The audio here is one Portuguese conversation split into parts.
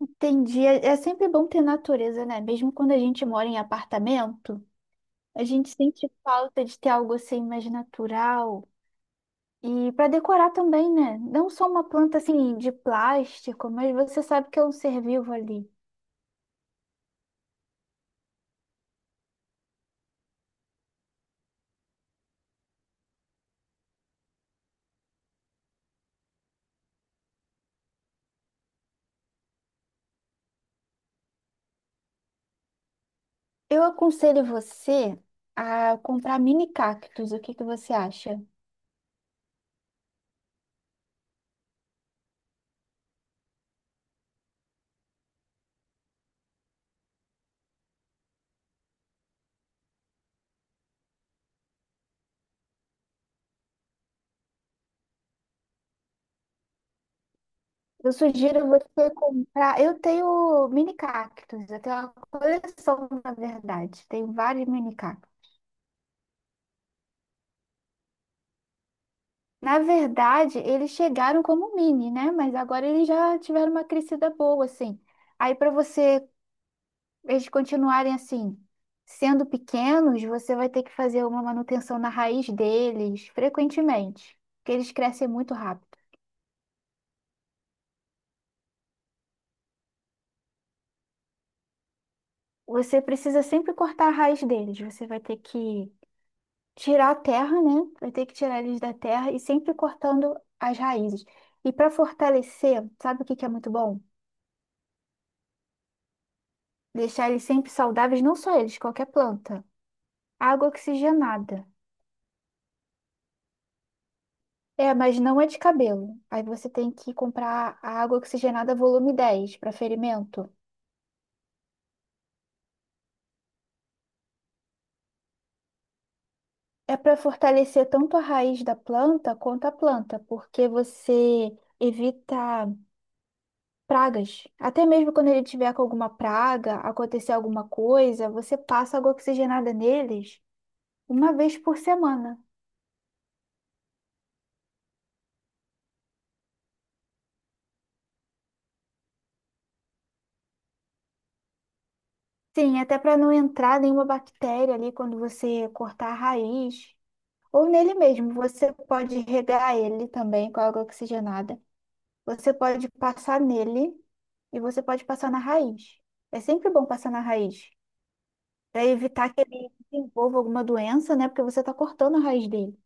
Entendi. É sempre bom ter natureza, né? Mesmo quando a gente mora em apartamento, a gente sente falta de ter algo assim mais natural. E para decorar também, né? Não só uma planta assim de plástico, mas você sabe que é um ser vivo ali. Eu aconselho você a comprar mini cactos. O que que você acha? Eu sugiro você comprar. Eu tenho mini cactos, eu tenho uma coleção, na verdade. Tenho vários mini cactos. Na verdade, eles chegaram como mini, né? Mas agora eles já tiveram uma crescida boa, assim. Aí, para você, eles continuarem assim, sendo pequenos, você vai ter que fazer uma manutenção na raiz deles frequentemente, porque eles crescem muito rápido. Você precisa sempre cortar a raiz deles. Você vai ter que tirar a terra, né? Vai ter que tirar eles da terra e sempre cortando as raízes. E para fortalecer, sabe o que que é muito bom? Deixar eles sempre saudáveis, não só eles, qualquer planta. Água oxigenada. É, mas não é de cabelo. Aí você tem que comprar a água oxigenada volume 10 para ferimento. É para fortalecer tanto a raiz da planta quanto a planta, porque você evita pragas. Até mesmo quando ele tiver com alguma praga, acontecer alguma coisa, você passa água oxigenada neles uma vez por semana. Sim, até para não entrar nenhuma bactéria ali quando você cortar a raiz. Ou nele mesmo, você pode regar ele também com água oxigenada. Você pode passar nele e você pode passar na raiz. É sempre bom passar na raiz, para evitar que ele desenvolva alguma doença, né? Porque você está cortando a raiz dele.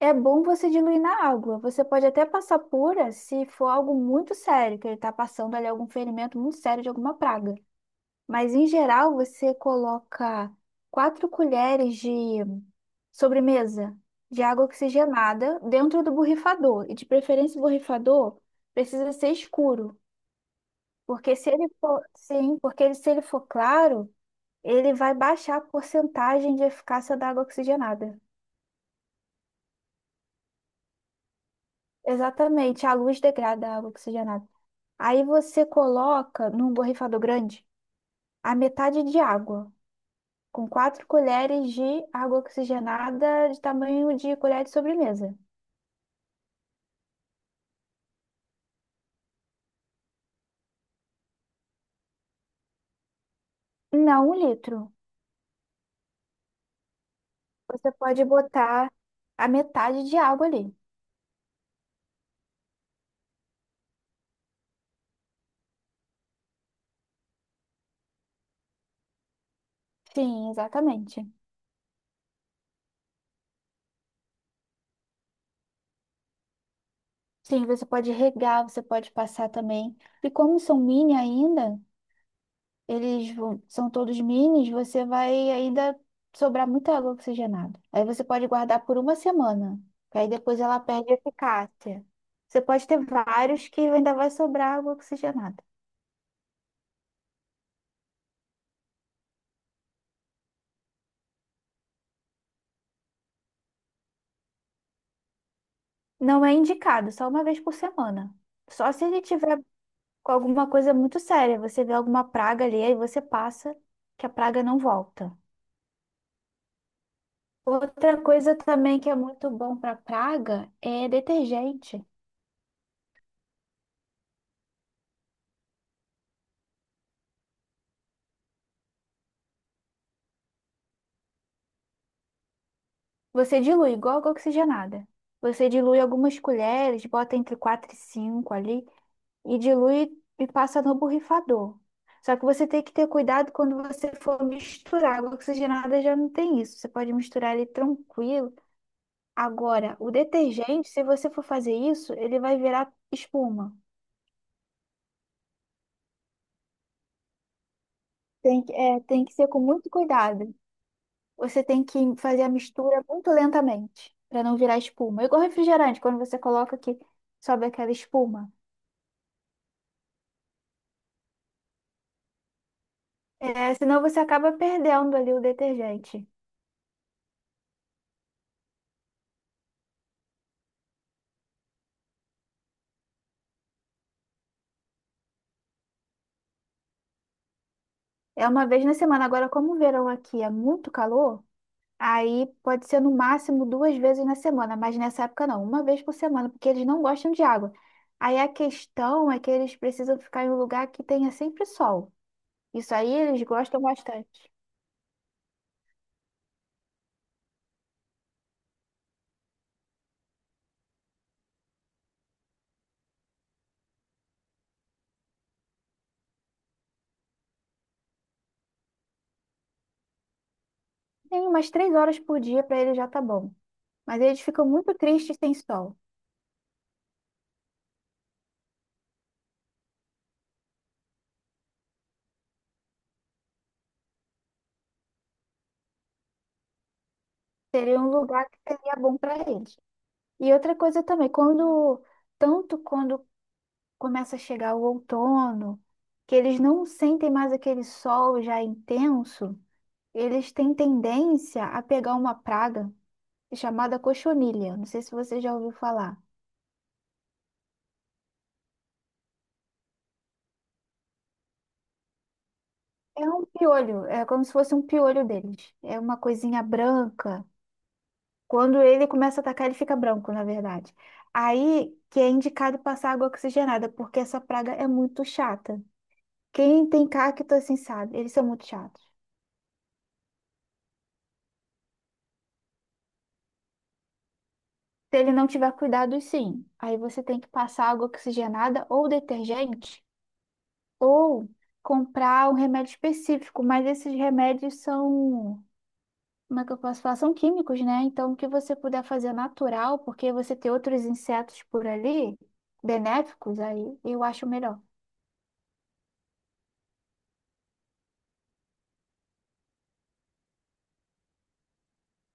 É bom você diluir na água. Você pode até passar pura se for algo muito sério, que ele está passando ali algum ferimento muito sério de alguma praga. Mas em geral você coloca 4 colheres de sobremesa de água oxigenada dentro do borrifador. E de preferência o borrifador precisa ser escuro, porque se ele for, sim, porque se ele for claro, ele vai baixar a porcentagem de eficácia da água oxigenada. Exatamente, a luz degrada a água oxigenada. Aí você coloca num borrifador grande a metade de água, com 4 colheres de água oxigenada de tamanho de colher de sobremesa. Não, 1 litro. Você pode botar a metade de água ali. Sim, exatamente. Sim, você pode regar, você pode passar também. E como são mini ainda, são todos minis, você vai ainda sobrar muita água oxigenada. Aí você pode guardar por uma semana, que aí depois ela perde eficácia. Você pode ter vários que ainda vai sobrar água oxigenada. Não é indicado, só uma vez por semana. Só se ele tiver com alguma coisa muito séria, você vê alguma praga ali, aí você passa, que a praga não volta. Outra coisa também que é muito bom para praga é detergente. Você dilui igual água oxigenada. Você dilui algumas colheres, bota entre 4 e 5 ali, e dilui e passa no borrifador. Só que você tem que ter cuidado quando você for misturar. Água oxigenada já não tem isso. Você pode misturar ele tranquilo. Agora, o detergente, se você for fazer isso, ele vai virar espuma. Tem que, é, tem que ser com muito cuidado. Você tem que fazer a mistura muito lentamente, para não virar espuma. Igual refrigerante, quando você coloca que sobe aquela espuma. É, senão você acaba perdendo ali o detergente. É uma vez na semana. Agora, como o verão aqui é muito calor, aí pode ser no máximo duas vezes na semana, mas nessa época não, uma vez por semana, porque eles não gostam de água. Aí a questão é que eles precisam ficar em um lugar que tenha sempre sol. Isso aí eles gostam bastante. Tem umas 3 horas por dia para eles já tá bom. Mas eles ficam muito tristes sem sol. Seria um lugar que seria bom para eles. E outra coisa também, quando tanto quando começa a chegar o outono, que eles não sentem mais aquele sol já intenso. Eles têm tendência a pegar uma praga chamada cochonilha. Não sei se você já ouviu falar. É um piolho, é como se fosse um piolho deles. É uma coisinha branca. Quando ele começa a atacar, ele fica branco, na verdade. Aí que é indicado passar água oxigenada, porque essa praga é muito chata. Quem tem cacto assim sabe, eles são muito chatos. Se ele não tiver cuidado, sim. Aí você tem que passar água oxigenada ou detergente, ou comprar um remédio específico, mas esses remédios são, como é que eu posso falar? São químicos, né? Então, o que você puder fazer natural, porque você tem outros insetos por ali, benéficos, aí eu acho melhor.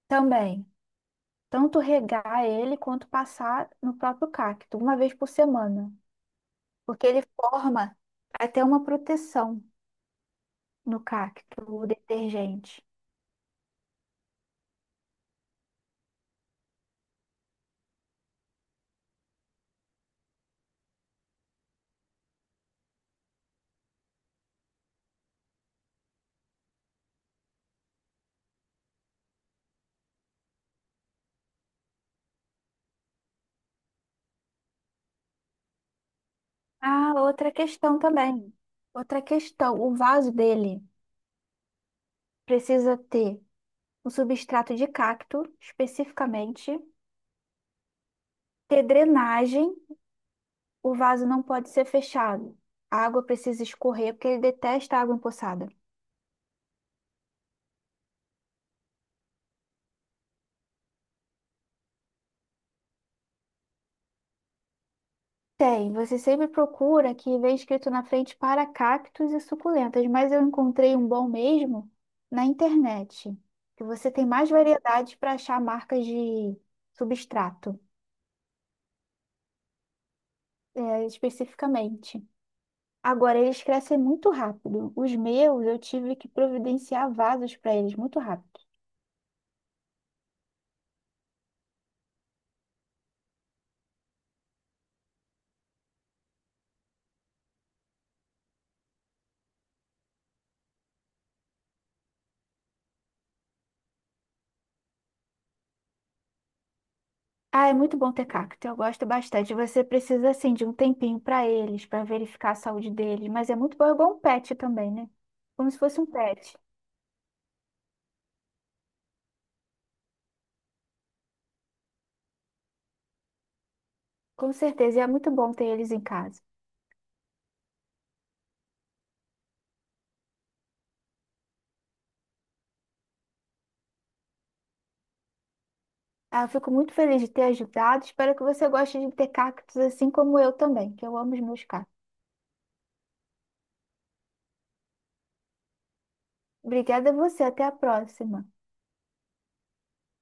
Também, tanto regar ele quanto passar no próprio cacto, uma vez por semana, porque ele forma até uma proteção no cacto, o detergente. Ah, outra questão também. Outra questão, o vaso dele precisa ter um substrato de cacto, especificamente, ter drenagem, o vaso não pode ser fechado. A água precisa escorrer porque ele detesta água empoçada. Tem, você sempre procura que vem escrito na frente para cactos e suculentas, mas eu encontrei um bom mesmo na internet, que você tem mais variedade para achar marcas de substrato, é, especificamente. Agora, eles crescem muito rápido. Os meus, eu tive que providenciar vasos para eles muito rápido. Ah, é muito bom ter cacto, eu gosto bastante. Você precisa, assim, de um tempinho para eles, para verificar a saúde deles, mas é muito bom, é igual um pet também, né? Como se fosse um pet. Com certeza, e é muito bom ter eles em casa. Ah, eu fico muito feliz de ter ajudado, espero que você goste de ter cactos assim como eu também, que eu amo os meus cactos. Obrigada a você, até a próxima.